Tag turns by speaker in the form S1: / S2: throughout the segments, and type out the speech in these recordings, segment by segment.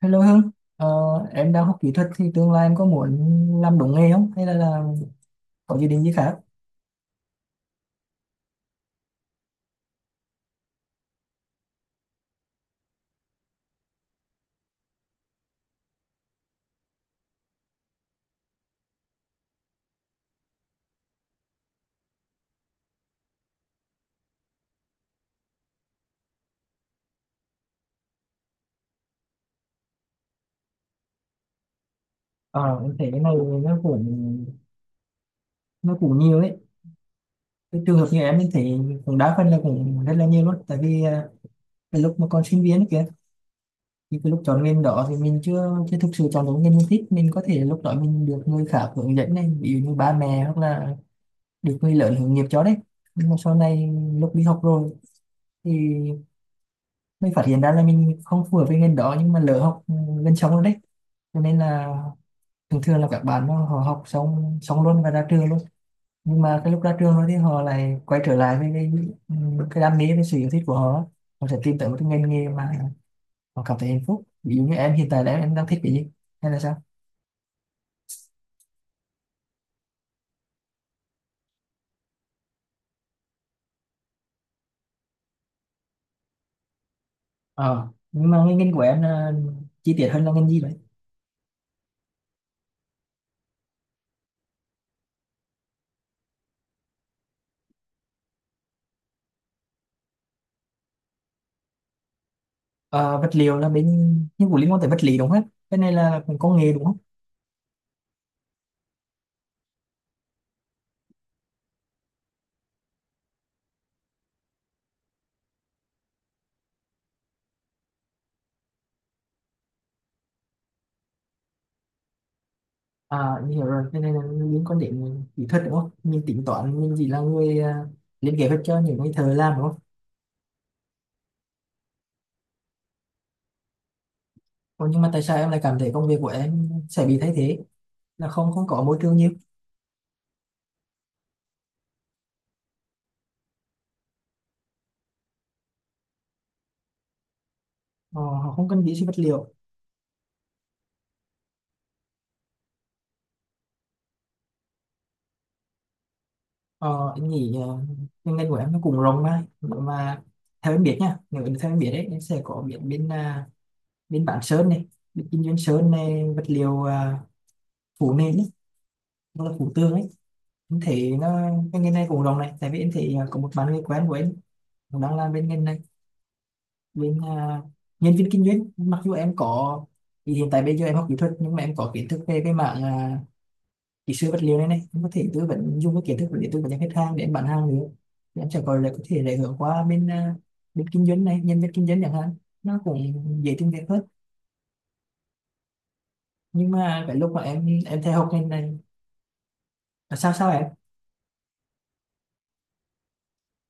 S1: Hello Hương, ờ, em đang học kỹ thuật thì tương lai em có muốn làm đúng nghề không? Hay là có dự định gì khác? Ờ, em thấy cái này nó cũng nó cũng nhiều đấy. Cái trường hợp như em thấy cũng đa phần là cũng rất là nhiều luôn. Tại vì cái lúc mà còn sinh viên ấy kìa, thì cái lúc chọn ngành đó thì mình chưa chưa thực sự chọn đúng ngành mình thích. Mình có thể lúc đó mình được người khác hướng dẫn này, ví dụ như ba mẹ hoặc là được người lớn hướng nghiệp cho đấy. Nhưng mà sau này lúc đi học rồi thì mình phát hiện ra là mình không phù hợp với ngành đó nhưng mà lỡ học gần xong rồi đấy, cho nên là thường thường là các bạn nó họ học xong xong luôn và ra trường luôn, nhưng mà cái lúc ra trường rồi thì họ lại quay trở lại với ừ, cái đam mê với sự yêu thích của họ. Họ sẽ tìm tới một cái ngành nghề mà họ cảm thấy hạnh phúc. Ví dụ như em hiện tại là em đang thích cái gì hay là sao? Ờ, nhưng mà cái ngành của em là, chi tiết hơn, là ngành gì vậy? Ờ, Vật liệu là bên, nhưng cũng liên quan tới vật lý đúng không? Cái này là công nghệ đúng không? À, mình hiểu rồi, cái này là những quan điểm kỹ thuật đúng không? Mình tính toán, mình chỉ là người lên kế hoạch cho những người thợ làm đúng không? Còn nhưng mà tại sao em lại cảm thấy công việc của em sẽ bị thay thế? Là không không có môi trường nhiều, ờ, họ không cần kỹ sư vật liệu. Ờ, em nghĩ cái ngành của em nó cũng rộng mà. Nếu mà theo em biết nha, nếu theo em biết đấy, em sẽ có biết bên bản sơn này, bên kinh doanh sơn này, vật liệu, phủ nền ấy, hoặc là phủ tường ấy. Em thấy nó, cái ngành này cũng rộng này, tại vì em thấy à, có một bạn người quen của em cũng đang làm bên ngành này, bên à, nhân viên kinh doanh. Mặc dù em có, thì hiện tại bây giờ em học kỹ thuật nhưng mà em có kiến thức về cái mảng, kỹ sư vật liệu này, này em có thể tư vấn, dùng cái kiến thức để tư vấn cho khách hàng để em bán hàng nữa, thì em sẽ có lại có thể lại hướng qua bên kinh doanh này, nhân viên kinh doanh chẳng hạn, nó cũng dễ tìm việc hơn. Nhưng mà cái lúc mà em theo học ngành này là sao sao em,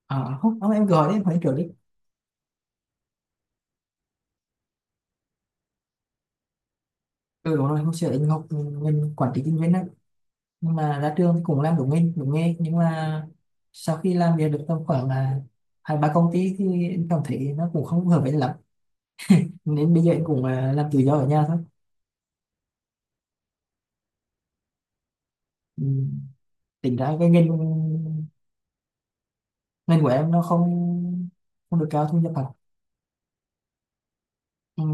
S1: à, không, không em gọi đi, em hỏi trước đi. Ừ đúng rồi, hôm xưa anh học ngành quản trị kinh doanh á, nhưng mà ra trường cũng làm đúng nghề, đúng nghề, nhưng mà sau khi làm việc được tầm khoảng là hai ba công ty thì em cảm thấy nó cũng không hợp với lắm, nên bây giờ em cũng làm tự do ở nhà thôi. Ừ. Tính ra cái ngành ngành của em nó không, không được cao thu nhập lắm. Ừ.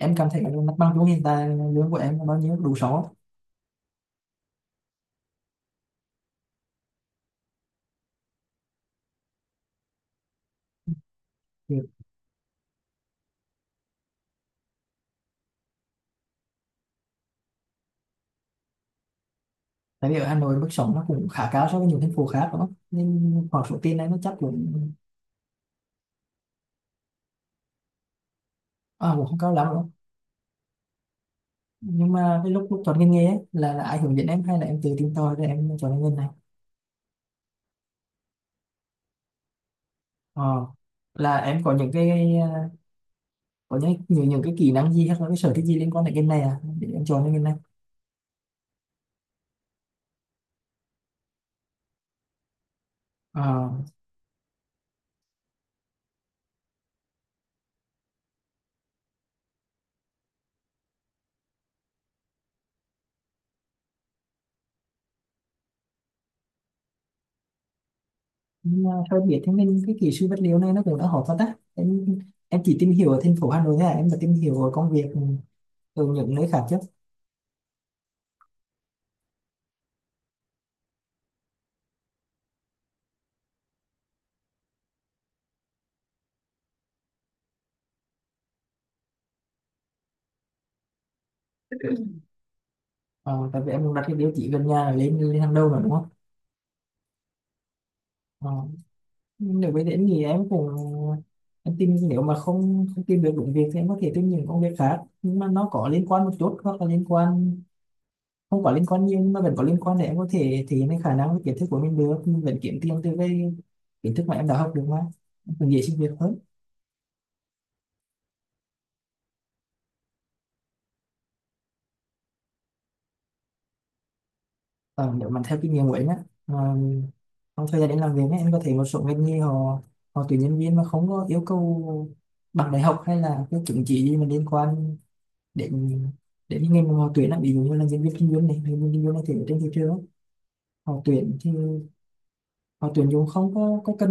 S1: Em cảm thấy mặt bằng chung hiện tại lương của em là bao nhiêu, đủ sống không? Thì tại vì ở Hà Nội mức sống nó cũng khá cao so với nhiều thành phố khác đúng không, nên khoảng số tiền này nó chắc cũng cũng không cao lắm đâu. Nhưng mà cái lúc lúc chọn ngành nghề ấy, là ai hướng dẫn em hay là em tự tìm tòi rồi em chọn ngành nghề này? Ờ, là em có những cái, có những cái kỹ năng gì hay là cái sở thích gì liên quan đến ngành này à để em chọn cái ngành này? Ờ, nhưng mà sao biết thế, nên cái kỹ sư vật liệu này nó cũng đã hỏi phát á em chỉ tìm hiểu ở thành phố Hà Nội thôi à, em đã tìm hiểu ở công việc ở những nơi khác chứ? Ờ, tại vì em đặt cái tiêu chí gần nhà lên lên hàng đầu rồi đúng không? Ờ, nếu với đến thì em cũng, em tìm nếu mà không không tìm được đúng việc thì em có thể tìm những công việc khác nhưng mà nó có liên quan một chút, hoặc là liên quan không có liên quan nhiều nhưng mà vẫn có liên quan, để em có thể thể hiện cái khả năng với kiến thức của mình được, mình vẫn kiếm tiền từ cái kiến thức mà em đã học được mà. Em cũng dễ xin việc hơn. Còn nếu mà theo kinh nghiệm của em á, mà trong thời gian em làm việc á, em có thể một số ngành nghề họ, họ tuyển nhân viên mà không có yêu cầu bằng đại học hay là cái chứng chỉ gì mà liên quan, để để những ngành mà họ tuyển làm ví dụ như là diễn viên kinh doanh này hay nhân viên kinh doanh này thì ở trên thị trường á, họ tuyển thì họ tuyển dùng không có cần,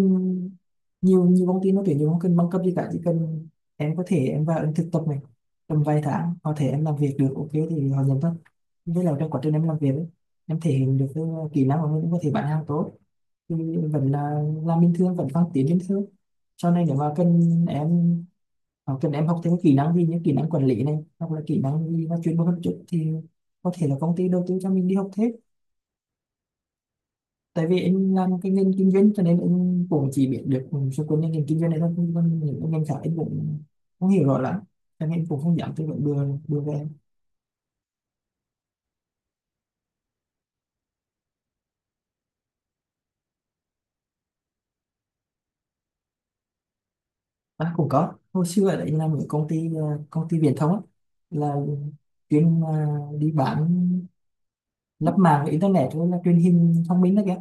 S1: nhiều nhiều công ty nó tuyển dùng không cần bằng cấp gì cả, chỉ cần em có thể em vào em thực tập này, tầm vài tháng có thể em làm việc được ok thì họ nhận thôi. Với là trong quá trình em làm việc ấy, em thể hiện được cái kỹ năng của mình, cũng có thể bán hàng tốt, thì vẫn là làm bình thường, vẫn phát triển bình thường. Sau này nếu mà cần em, cần em học thêm kỹ năng gì như kỹ năng quản lý này hoặc là kỹ năng gì nó chuyên môn hơn chút thì có thể là công ty đầu tư cho mình đi học thêm. Tại vì em làm cái ngành kinh doanh cho nên em cũng chỉ biết được xung quanh cái ngành kinh doanh này thôi, còn những cái ngành khác em cũng không hiểu rõ lắm, cho nên em cũng không dám tư vấn đưa đưa về em. À, cũng có hồi xưa đấy, làm ở công ty công ty viễn thông á, là chuyên đi bán lắp mạng internet với là truyền hình thông minh đó kìa.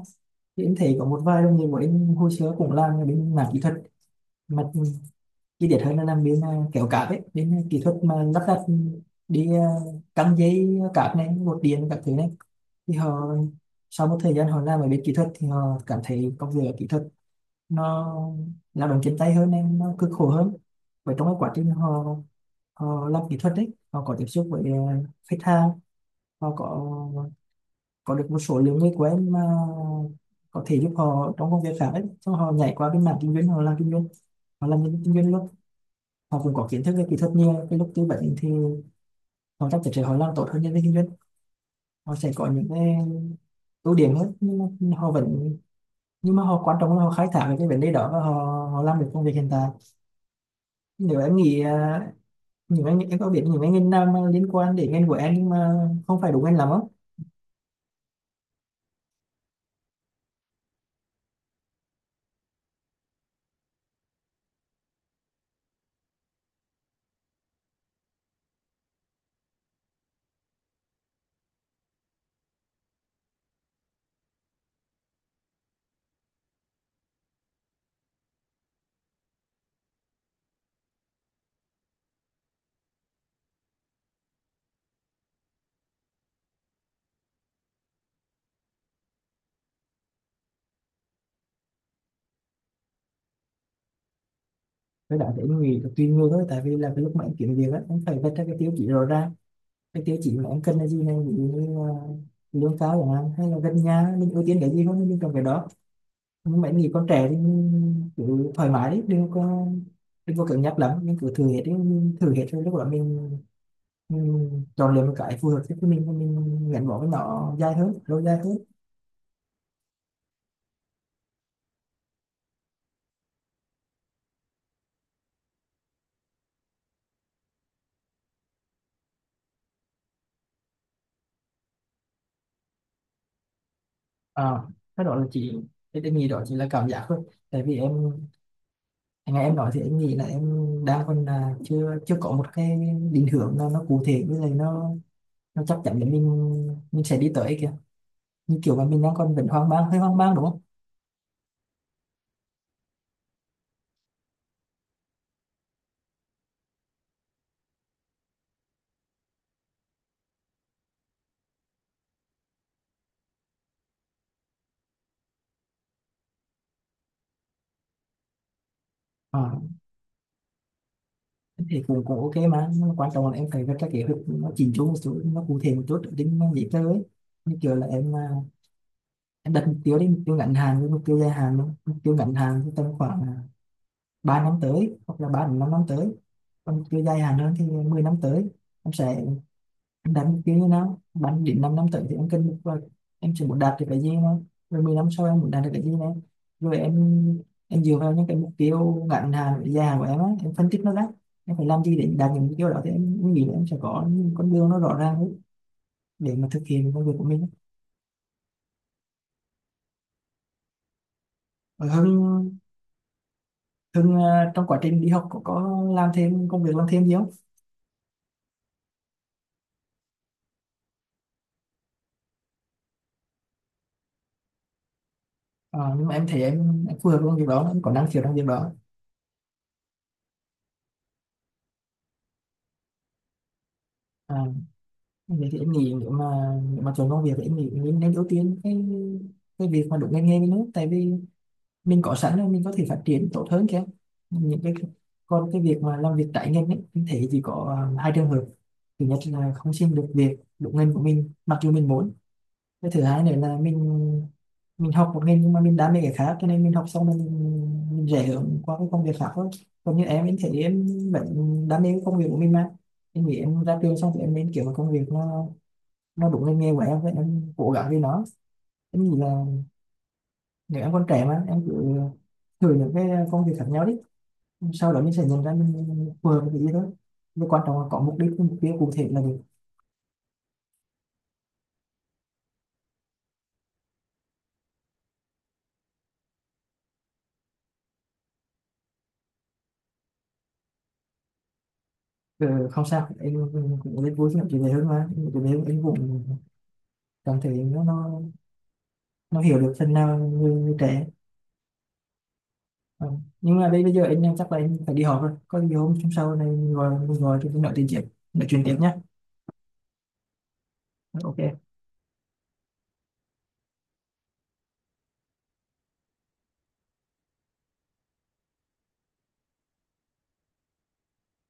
S1: Thì em thấy có một vài đồng nghiệp của em hồi xưa cũng làm ở bên mảng kỹ thuật, mặt chi tiết hơn là làm bên kéo cáp ấy, bên kỹ thuật mà lắp đặt đi căng dây cáp này, cột điện các thứ này. Thì họ sau một thời gian họ làm ở bên kỹ thuật thì họ cảm thấy công việc ở kỹ thuật nó lao động chân tay hơn nên nó cực khổ hơn. Và trong cái quá trình họ, họ làm kỹ thuật đấy họ có tiếp xúc với khách hàng, họ có được một số lượng người quen mà có thể giúp họ trong công việc khác ấy, xong họ nhảy qua bên mảng kinh doanh, họ làm kinh doanh, họ làm nhân viên kinh doanh luôn. Họ cũng có kiến thức về kỹ thuật, nhiều cái lúc tư vấn thì họ chắc chắn sẽ họ làm tốt hơn nhân viên kinh doanh, họ sẽ có những cái ưu điểm hơn, nhưng mà họ vẫn, nhưng mà họ quan trọng là họ khai thác được cái vấn đề đó và họ, họ làm được công việc hiện tại. Nếu em nghĩ những anh em có biết những anh ngành nào mà liên quan đến ngành của em nhưng mà không phải đúng anh làm không? Cái đó thì em nghĩ là tùy người thôi, tại vì là cái lúc mà em kiếm việc á em phải vạch ra cái tiêu chí rõ ràng, cái tiêu chí mà em cần là gì này, ví dụ như là lương cao chẳng hạn hay là gần nhà, mình ưu tiên cái gì hơn mình cần cái đó. Mấy người con trẻ thì cứ thoải mái đi, đừng có, đừng có cứng nhắc lắm, mình cứ thử hết đi, mình thử hết rồi lúc đó mình chọn lựa một cái phù hợp với mình và mình gắn bó với nó dài hơn, lâu dài hơn. À, cái đó là chỉ, cái em nghĩ đó chỉ là cảm giác thôi, tại vì em, nghe em nói thì em nghĩ là em đang còn là chưa chưa có một cái định hướng nó cụ thể, với lại nó chắc chắn để mình sẽ đi tới kìa, như kiểu mà mình đang còn vẫn hoang mang, hơi hoang mang đúng không? À, thì cũng cũng ok mà. Nhưng quan trọng là em phải có cái kế hoạch nó chỉnh chu một chút, nó cụ thể một chút đến tính nó dễ tới, như kiểu là em em đặt mục tiêu đi, mục tiêu ngắn hạn với mục tiêu dài hạn luôn. Mục tiêu ngắn hạn thì tầm khoảng 3 năm tới hoặc là 3 đến 5 năm tới, còn mục tiêu dài hạn hơn thì 10 năm tới. Em sẽ, em đánh cái nó đánh đến năm năm tới thì em cân nhắc rồi, em chỉ muốn đạt được cái gì mà, rồi 10 năm sau em muốn đạt được cái gì nữa, rồi em dựa vào những cái mục tiêu ngắn hạn và dài hạn của em á, em phân tích nó ra em phải làm gì để đạt những mục tiêu đó, thì em nghĩ là em sẽ có những con đường nó rõ ràng ấy, để mà thực hiện công việc của mình. Rồi Hưng, Hưng à, trong quá trình đi học có làm thêm công việc làm thêm gì không? Ờ, nhưng mà em thấy em phù hợp với công việc đó, em có năng khiếu trong việc đó. À, vậy thì em nghĩ nếu mà, nếu mà chọn công việc thì em nghĩ mình nên ưu tiên cái việc mà đúng ngành nghề với nước, tại vì mình có sẵn rồi, mình có thể phát triển tốt hơn kìa. Những cái, còn cái việc mà làm việc trái ngành ấy, em thấy chỉ có hai trường hợp. Thứ nhất là không xin được việc đúng ngành của mình mặc dù mình muốn. Cái thứ hai nữa là mình học một ngành nhưng mà mình đam mê cái khác, cho nên mình học xong mình rẽ hướng qua cái công việc khác thôi. Còn như em thấy em vẫn đam mê cái công việc của mình mà. Em nghĩ em ra trường xong thì em nên kiếm một công việc nó đụng lên nghe của em với em cố gắng với nó. Em nghĩ là nếu em còn trẻ mà em cứ thử những cái công việc khác nhau đi, sau đó mình sẽ nhận ra mình phù hợp với cái gì thôi. Nhưng quan trọng là có mục đích, cái mục tiêu cụ thể là được. Ừ, không sao em, cũng rất vui khi nói chuyện này hơn mà. Em chuyện này em cũng cảm thấy nó nó hiểu được phần nào người trẻ. Ừ. Nhưng mà đây bây giờ anh chắc là em phải đi họp rồi, có gì hôm hôm sau này mình gọi, mình gọi thì mình nói tiền chuyện tiếp, nói chuyện tiếp nhé. Ok.